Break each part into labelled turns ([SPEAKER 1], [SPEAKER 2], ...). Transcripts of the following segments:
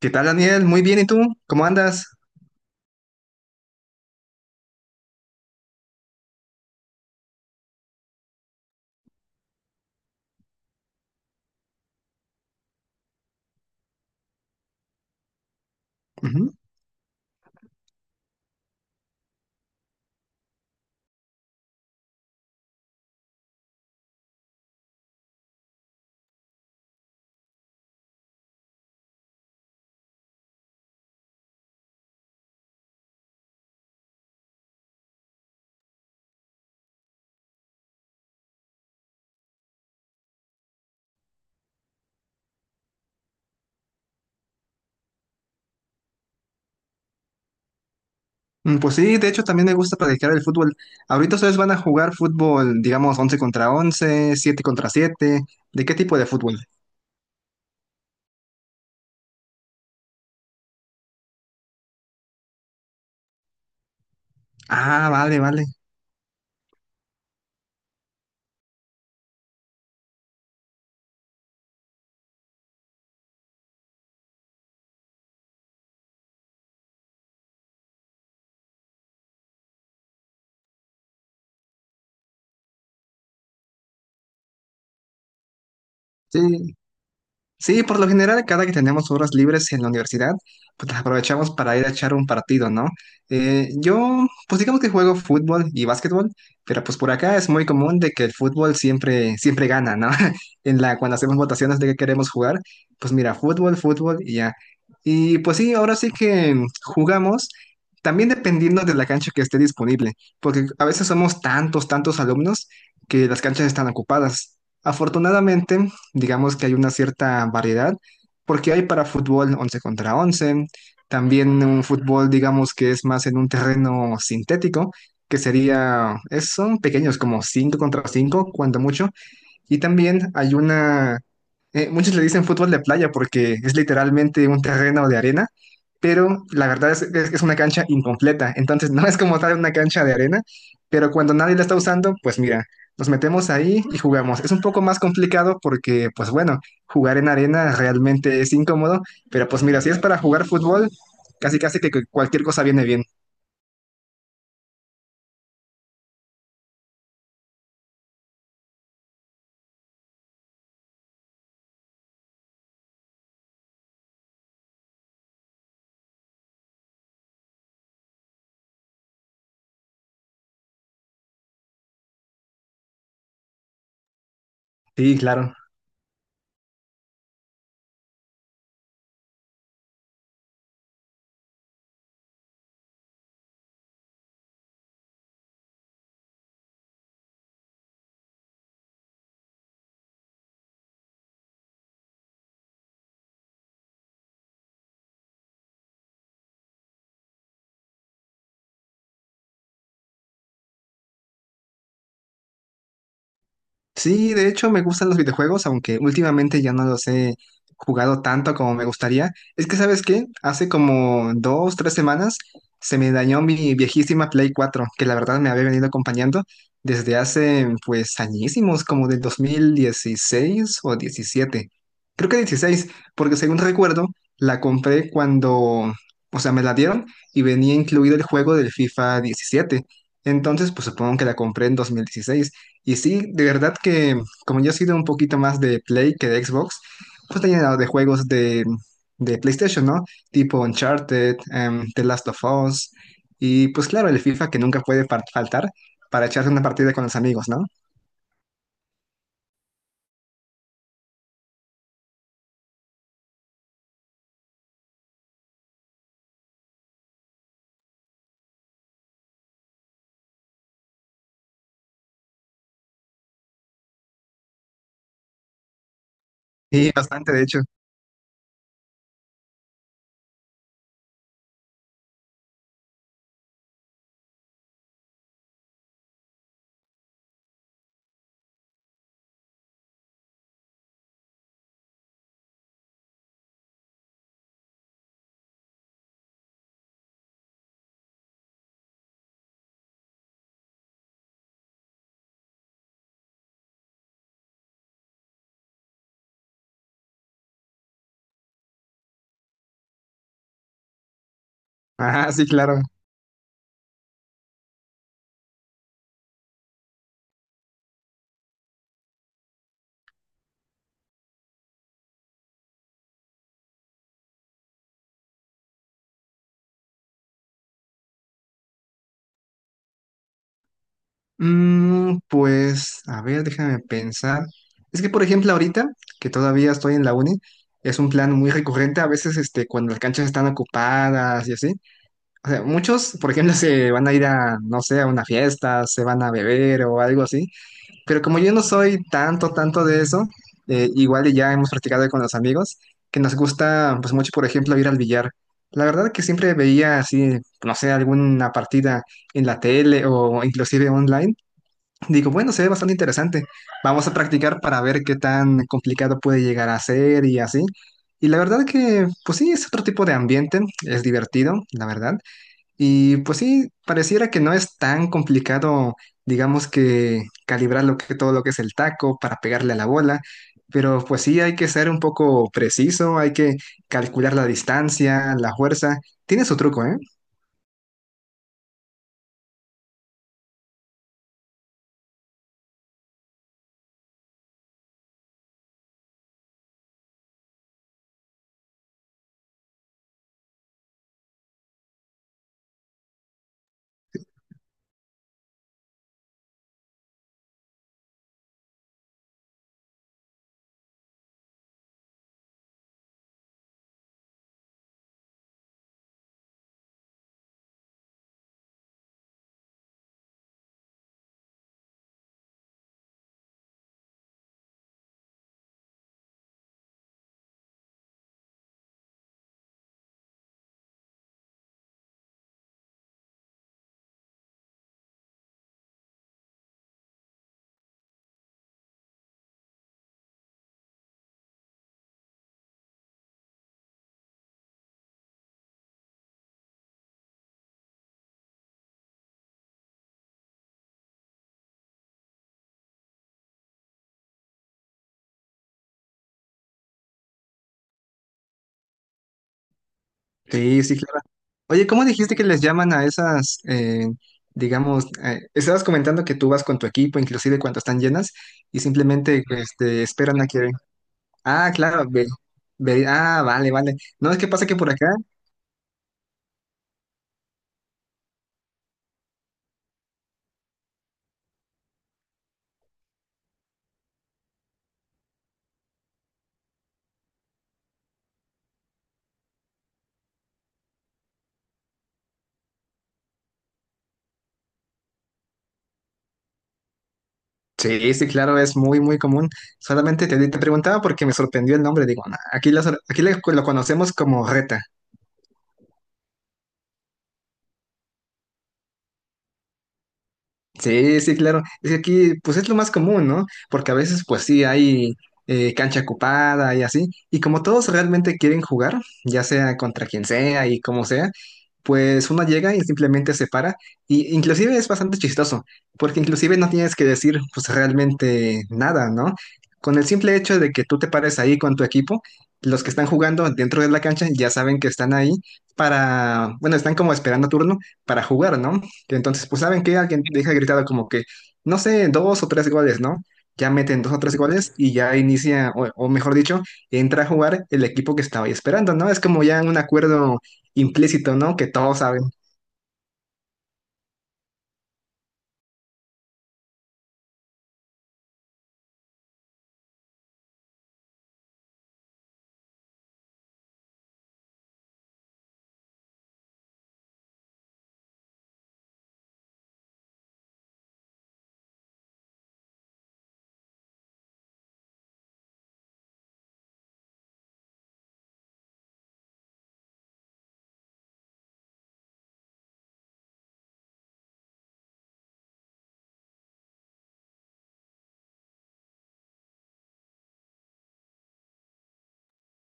[SPEAKER 1] ¿Qué tal, Daniel? Muy bien, ¿y tú? ¿Cómo andas? Ujú. Pues sí, de hecho también me gusta practicar el fútbol. Ahorita ustedes van a jugar fútbol, digamos, 11 contra 11, 7 contra 7. ¿De qué tipo de fútbol? Ah, vale, vale. Sí. Sí, por lo general, cada que tenemos horas libres en la universidad, pues las aprovechamos para ir a echar un partido, ¿no? Yo, pues digamos que juego fútbol y básquetbol, pero pues por acá es muy común de que el fútbol siempre, siempre gana, ¿no? En la, cuando hacemos votaciones de qué queremos jugar, pues mira, fútbol, fútbol y ya. Y pues sí, ahora sí que jugamos. También dependiendo de la cancha que esté disponible, porque a veces somos tantos, tantos alumnos que las canchas están ocupadas. Afortunadamente, digamos que hay una cierta variedad, porque hay para fútbol 11 contra 11 también un fútbol, digamos que es más en un terreno sintético, que sería, son pequeños, como 5 contra 5 cuando mucho, y también hay una, muchos le dicen fútbol de playa porque es literalmente un terreno de arena, pero la verdad es que es una cancha incompleta, entonces no es como tal una cancha de arena, pero cuando nadie la está usando, pues mira, nos metemos ahí y jugamos. Es un poco más complicado porque, pues bueno, jugar en arena realmente es incómodo, pero pues mira, si es para jugar fútbol, casi casi que cualquier cosa viene bien. Sí, claro. Sí, de hecho me gustan los videojuegos, aunque últimamente ya no los he jugado tanto como me gustaría. Es que, ¿sabes qué? Hace como 2, 3 semanas se me dañó mi viejísima Play 4, que la verdad me había venido acompañando desde hace pues añísimos, como del 2016 o 2017. Creo que 16, porque según recuerdo, la compré cuando, o sea, me la dieron y venía incluido el juego del FIFA 17. Entonces, pues supongo que la compré en 2016. Y sí, de verdad que como yo he sido un poquito más de Play que de Xbox, pues tenía llenado de juegos de PlayStation, ¿no? Tipo Uncharted, The Last of Us, y pues claro, el FIFA que nunca puede faltar para echarse una partida con los amigos, ¿no? Y bastante, de hecho. Ah, sí, claro. Mm, pues, a ver, déjame pensar. Es que, por ejemplo, ahorita, que todavía estoy en la uni, es un plan muy recurrente a veces este, cuando las canchas están ocupadas y así. O sea, muchos, por ejemplo, se van a ir a, no sé, a una fiesta, se van a beber o algo así. Pero como yo no soy tanto, tanto de eso, igual y ya hemos practicado con los amigos, que nos gusta, pues mucho, por ejemplo, ir al billar. La verdad que siempre veía así, no sé, alguna partida en la tele o inclusive online. Digo, bueno, se ve bastante interesante. Vamos a practicar para ver qué tan complicado puede llegar a ser y así. Y la verdad que, pues sí, es otro tipo de ambiente, es divertido, la verdad. Y pues sí, pareciera que no es tan complicado, digamos que calibrar lo que, todo lo que es el taco para pegarle a la bola, pero pues sí hay que ser un poco preciso, hay que calcular la distancia, la fuerza. Tiene su truco, ¿eh? Sí, sí, claro. Oye, ¿cómo dijiste que les llaman a esas, digamos, estabas comentando que tú vas con tu equipo, inclusive cuando están llenas, y simplemente este, esperan a que... Ah, claro, ah, vale, vale. No, es que pasa que por acá. Sí, sí, claro, es muy, muy común. Solamente te, te preguntaba porque me sorprendió el nombre. Digo, "Ah, aquí, la sor- aquí la- lo conocemos como reta". Sí, sí, claro. Es que aquí, pues es lo más común, ¿no? Porque a veces, pues sí, hay cancha ocupada y así. Y como todos realmente quieren jugar, ya sea contra quien sea y como sea, pues uno llega y simplemente se para. Y inclusive es bastante chistoso, porque inclusive no tienes que decir pues realmente nada, ¿no? Con el simple hecho de que tú te pares ahí con tu equipo, los que están jugando dentro de la cancha ya saben que están ahí para, bueno, están como esperando turno para jugar, ¿no? Entonces, pues saben que alguien deja gritado como que, no sé, dos o tres goles, ¿no? Ya meten dos o tres goles y ya inicia, o mejor dicho, entra a jugar el equipo que estaba ahí esperando, ¿no? Es como ya un acuerdo implícito, ¿no? Que todos saben.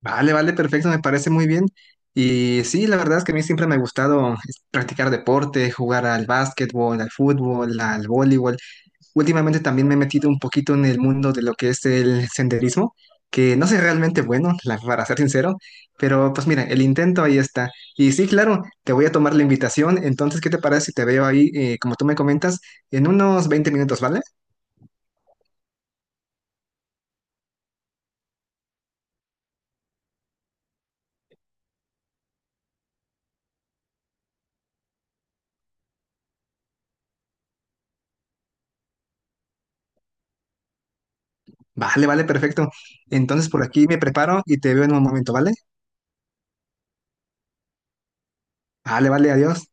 [SPEAKER 1] Vale, vale, perfecto, me parece muy bien. Y sí, la verdad es que a mí siempre me ha gustado es, practicar deporte, jugar al básquetbol, al fútbol, al voleibol. Últimamente también me he metido un poquito en el mundo de lo que es el senderismo, que no soy realmente bueno, para ser sincero, pero pues mira, el intento ahí está. Y sí, claro, te voy a tomar la invitación, entonces, ¿qué te parece si te veo ahí, como tú me comentas, en unos 20 minutos, ¿vale? Vale, vale, perfecto. Entonces por aquí me preparo y te veo en un momento, ¿vale? Vale, vale, adiós.